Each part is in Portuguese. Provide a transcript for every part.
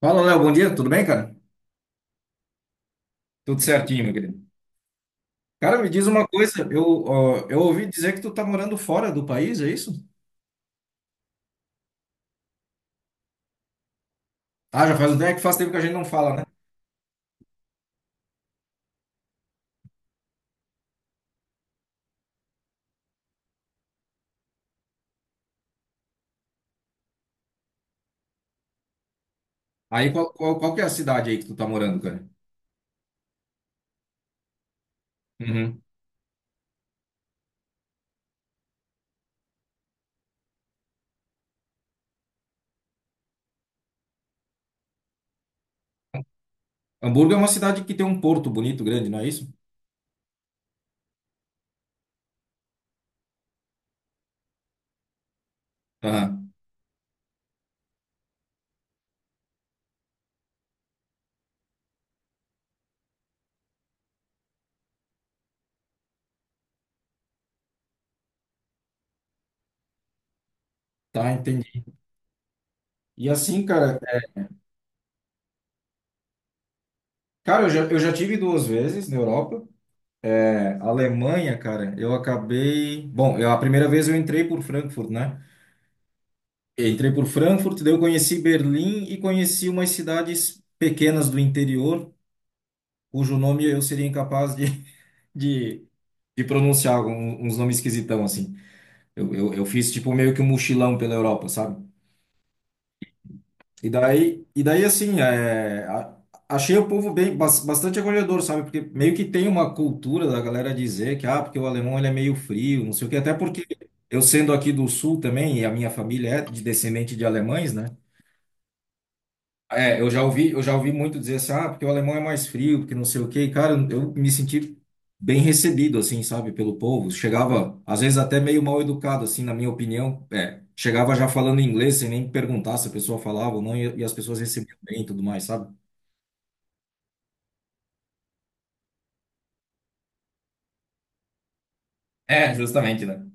Fala, Léo, bom dia, tudo bem, cara? Tudo certinho, meu querido. Cara, me diz uma coisa, eu ouvi dizer que tu tá morando fora do país, é isso? Ah, já faz, é que faz tempo que a gente não fala, né? Aí, qual que é a cidade aí que tu tá morando, cara? Uhum. Hamburgo é uma cidade que tem um porto bonito, grande, não é isso? Aham. Tá, entendi. E assim, cara, cara, eu já tive duas vezes na Europa. É, Alemanha, cara, eu acabei... Bom, eu, a primeira vez eu entrei por Frankfurt, né? Entrei por Frankfurt, daí eu conheci Berlim e conheci umas cidades pequenas do interior, cujo nome eu seria incapaz de, de, de pronunciar, uns nomes esquisitão, assim. Eu fiz tipo meio que um mochilão pela Europa, sabe? E daí assim, é, achei o povo bem, bastante acolhedor, sabe? Porque meio que tem uma cultura da galera dizer que, ah, porque o alemão ele é meio frio, não sei o quê, até porque eu sendo aqui do sul também, e a minha família é de descendente de alemães, né? É, eu já ouvi muito dizer assim, ah, porque o alemão é mais frio, porque não sei o quê. E, cara, eu me senti bem recebido, assim, sabe, pelo povo. Chegava, às vezes, até meio mal educado, assim, na minha opinião. É, chegava já falando inglês, sem nem perguntar se a pessoa falava ou não, e as pessoas recebiam bem e tudo mais, sabe? É, justamente, né?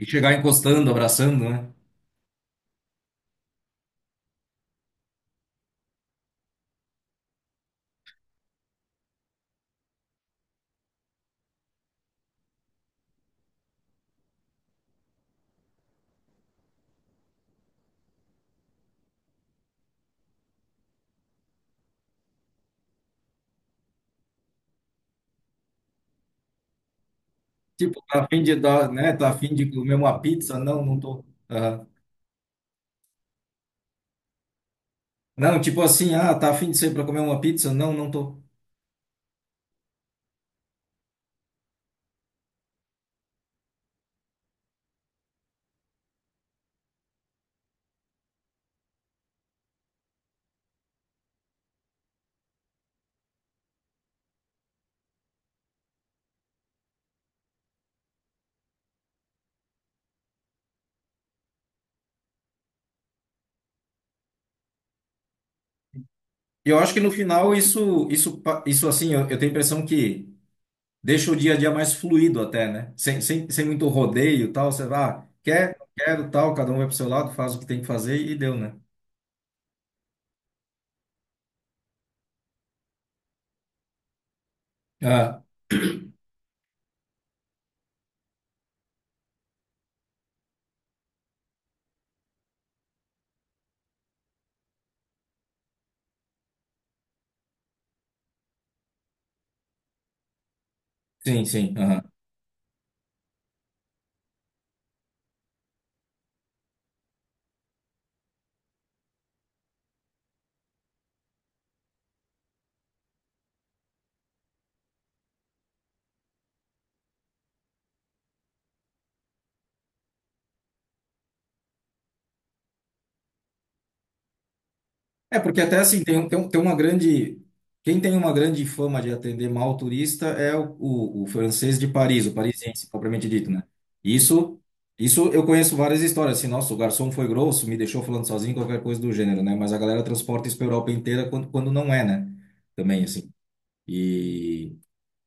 E chegar encostando, abraçando, né? Tipo, tá a fim de dar, né? Tá a fim de comer uma pizza? Não, não tô. Aham. Não, tipo assim, ah, tá a fim de ser pra comer uma pizza? Não, não tô. E eu acho que no final isso assim, eu tenho a impressão que deixa o dia a dia mais fluido até, né? Sem muito rodeio e tal, você vai, ah, quer, não quero, tal, cada um vai pro seu lado, faz o que tem que fazer e deu, né? Ah, sim, sim. É, porque até assim, tem uma grande. Quem tem uma grande fama de atender mal o turista é o francês de Paris, o parisiense, propriamente dito, né? Isso, isso eu conheço várias histórias, assim, nossa, o garçom foi grosso, me deixou falando sozinho, qualquer coisa do gênero, né? Mas a galera transporta isso para Europa inteira quando não é, né? Também, assim. E.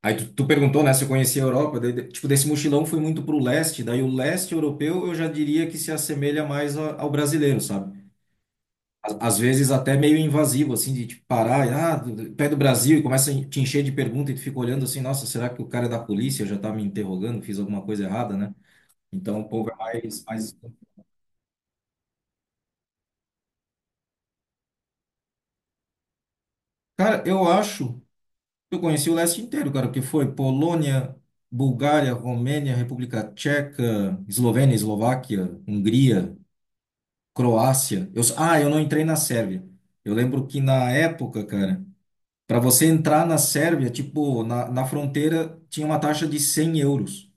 Aí tu perguntou, né, se eu conhecia a Europa, daí, tipo, desse mochilão fui muito pro leste, daí o leste europeu eu já diria que se assemelha mais ao brasileiro, sabe? A às vezes até meio invasivo, assim, de tipo, parar, e, ah, pé do Brasil, e começa a te encher de pergunta e tu fica olhando assim, nossa, será que o cara é da polícia já tá me interrogando, fiz alguma coisa errada, né? Então o povo é mais, mais... Cara, eu acho que eu conheci o leste inteiro, cara, que foi Polônia, Bulgária, Romênia, República Tcheca, Eslovênia, Eslováquia, Hungria, Croácia. Eu... Ah, eu não entrei na Sérvia. Eu lembro que na época, cara, para você entrar na Sérvia, tipo, na fronteira tinha uma taxa de 100 euros.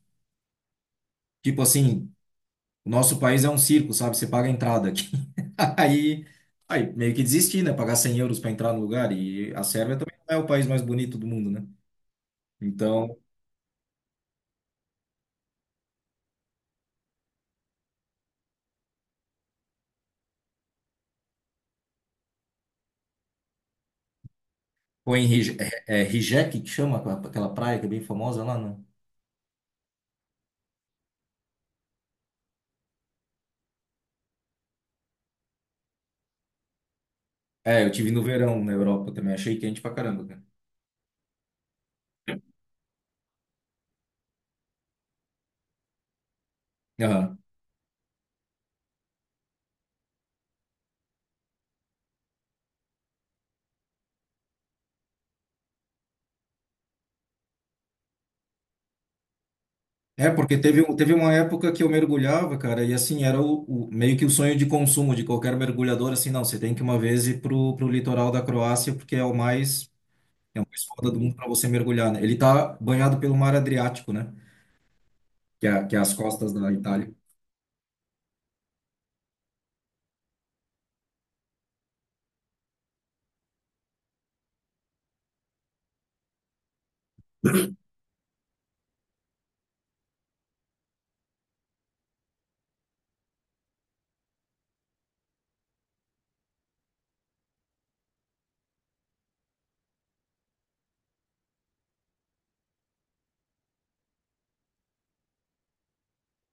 Tipo assim, o nosso país é um circo, sabe? Você paga a entrada aqui. Aí, aí meio que desisti, né? Pagar 100 euros para entrar no lugar. E a Sérvia também não é o país mais bonito do mundo, né? Então, foi em Rij- é, é Rijeka, que chama aquela praia que é bem famosa lá, né? É, eu tive no verão na Europa também. Achei quente pra caramba, cara. É, porque teve, teve uma época que eu mergulhava, cara, e assim, era meio que o sonho de consumo de qualquer mergulhador, assim, não, você tem que uma vez ir pro, pro litoral da Croácia, porque é o mais foda do mundo para você mergulhar, né? Ele tá banhado pelo mar Adriático, né? Que é as costas da Itália.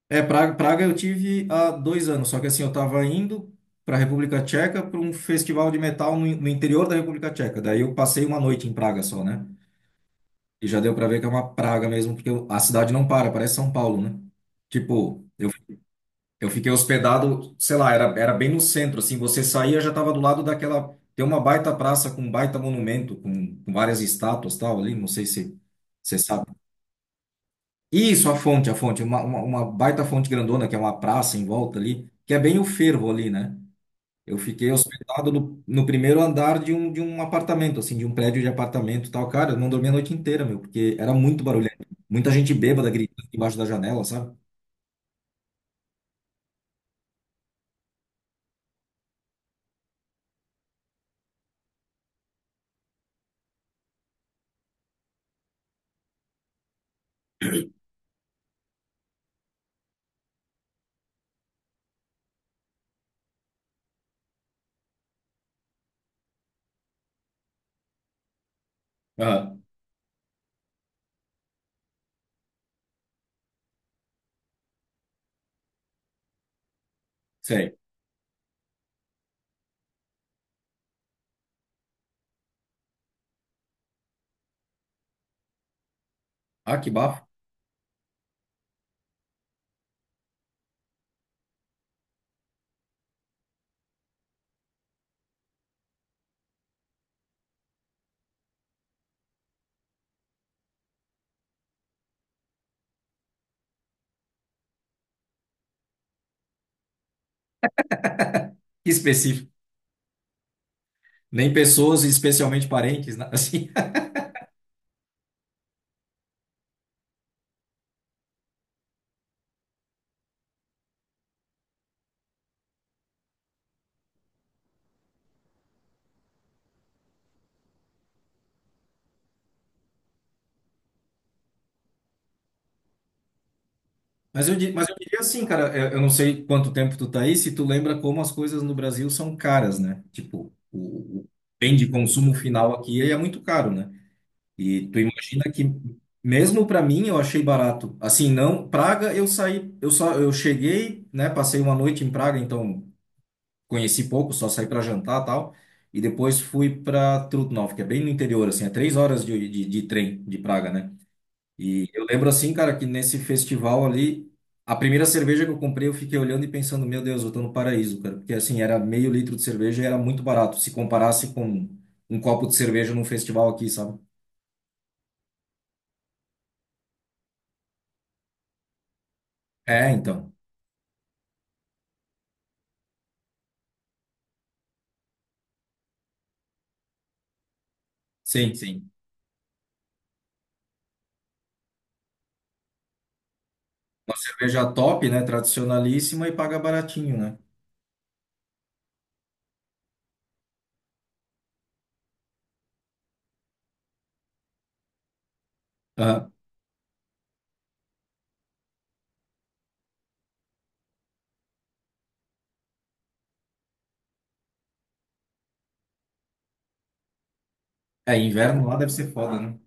É, Praga, Praga eu tive há 2 anos, só que assim, eu tava indo para a República Tcheca para um festival de metal no, no interior da República Tcheca, daí eu passei uma noite em Praga só, né? E já deu pra ver que é uma praga mesmo, porque a cidade não para, parece São Paulo, né? Tipo, eu fiquei hospedado, sei lá, era bem no centro, assim, você saía, já tava do lado daquela. Tem uma baita praça com um baita monumento, com várias estátuas tal ali, não sei se você sabe. Isso, a fonte, uma baita fonte grandona, que é uma praça em volta ali, que é bem o fervo ali, né? Eu fiquei hospedado no, no primeiro andar de um apartamento, assim, de um prédio de apartamento e tal. Cara, eu não dormi a noite inteira, meu, porque era muito barulhento. Muita gente bêbada gritando embaixo da janela, sabe? Aham, sei. Ah, que bafo. Que específico. Nem pessoas, especialmente parentes, né? Assim. Mas eu, mas eu diria assim, cara, eu não sei quanto tempo tu tá aí, se tu lembra como as coisas no Brasil são caras, né? Tipo, o bem de consumo final aqui é muito caro, né? E tu imagina que mesmo para mim eu achei barato. Assim, não, Praga eu saí, eu só eu cheguei, né, passei uma noite em Praga, então conheci pouco, só saí para jantar, tal, e depois fui para Trutnov, que é bem no interior assim, é 3 horas de trem de Praga, né? E eu lembro assim, cara, que nesse festival ali a primeira cerveja que eu comprei, eu fiquei olhando e pensando, meu Deus, eu tô no paraíso, cara. Porque assim, era meio litro de cerveja e era muito barato, se comparasse com um copo de cerveja num festival aqui, sabe? É, então. Sim, sim. Uma cerveja top, né? Tradicionalíssima e paga baratinho, né? Aham. É, inverno lá deve ser foda, né?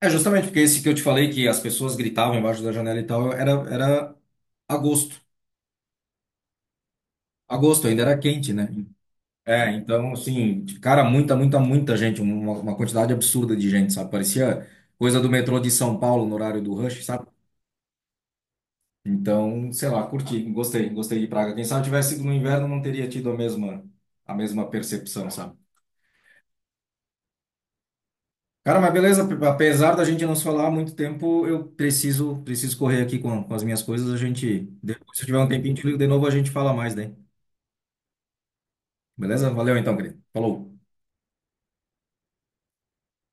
É justamente porque esse que eu te falei que as pessoas gritavam embaixo da janela e tal, era agosto. Agosto ainda era quente, né? É, então, assim, cara, muita gente, uma quantidade absurda de gente, sabe? Parecia coisa do metrô de São Paulo no horário do rush, sabe? Então, sei lá, curti, gostei, gostei de Praga. Quem sabe tivesse sido no inverno, não teria tido a mesma percepção, sabe? Cara, mas beleza, apesar da gente não se falar há muito tempo, eu preciso correr aqui com as minhas coisas. A gente, depois, se tiver um tempinho de novo, a gente fala mais, né? Beleza? Valeu então, querido. Falou.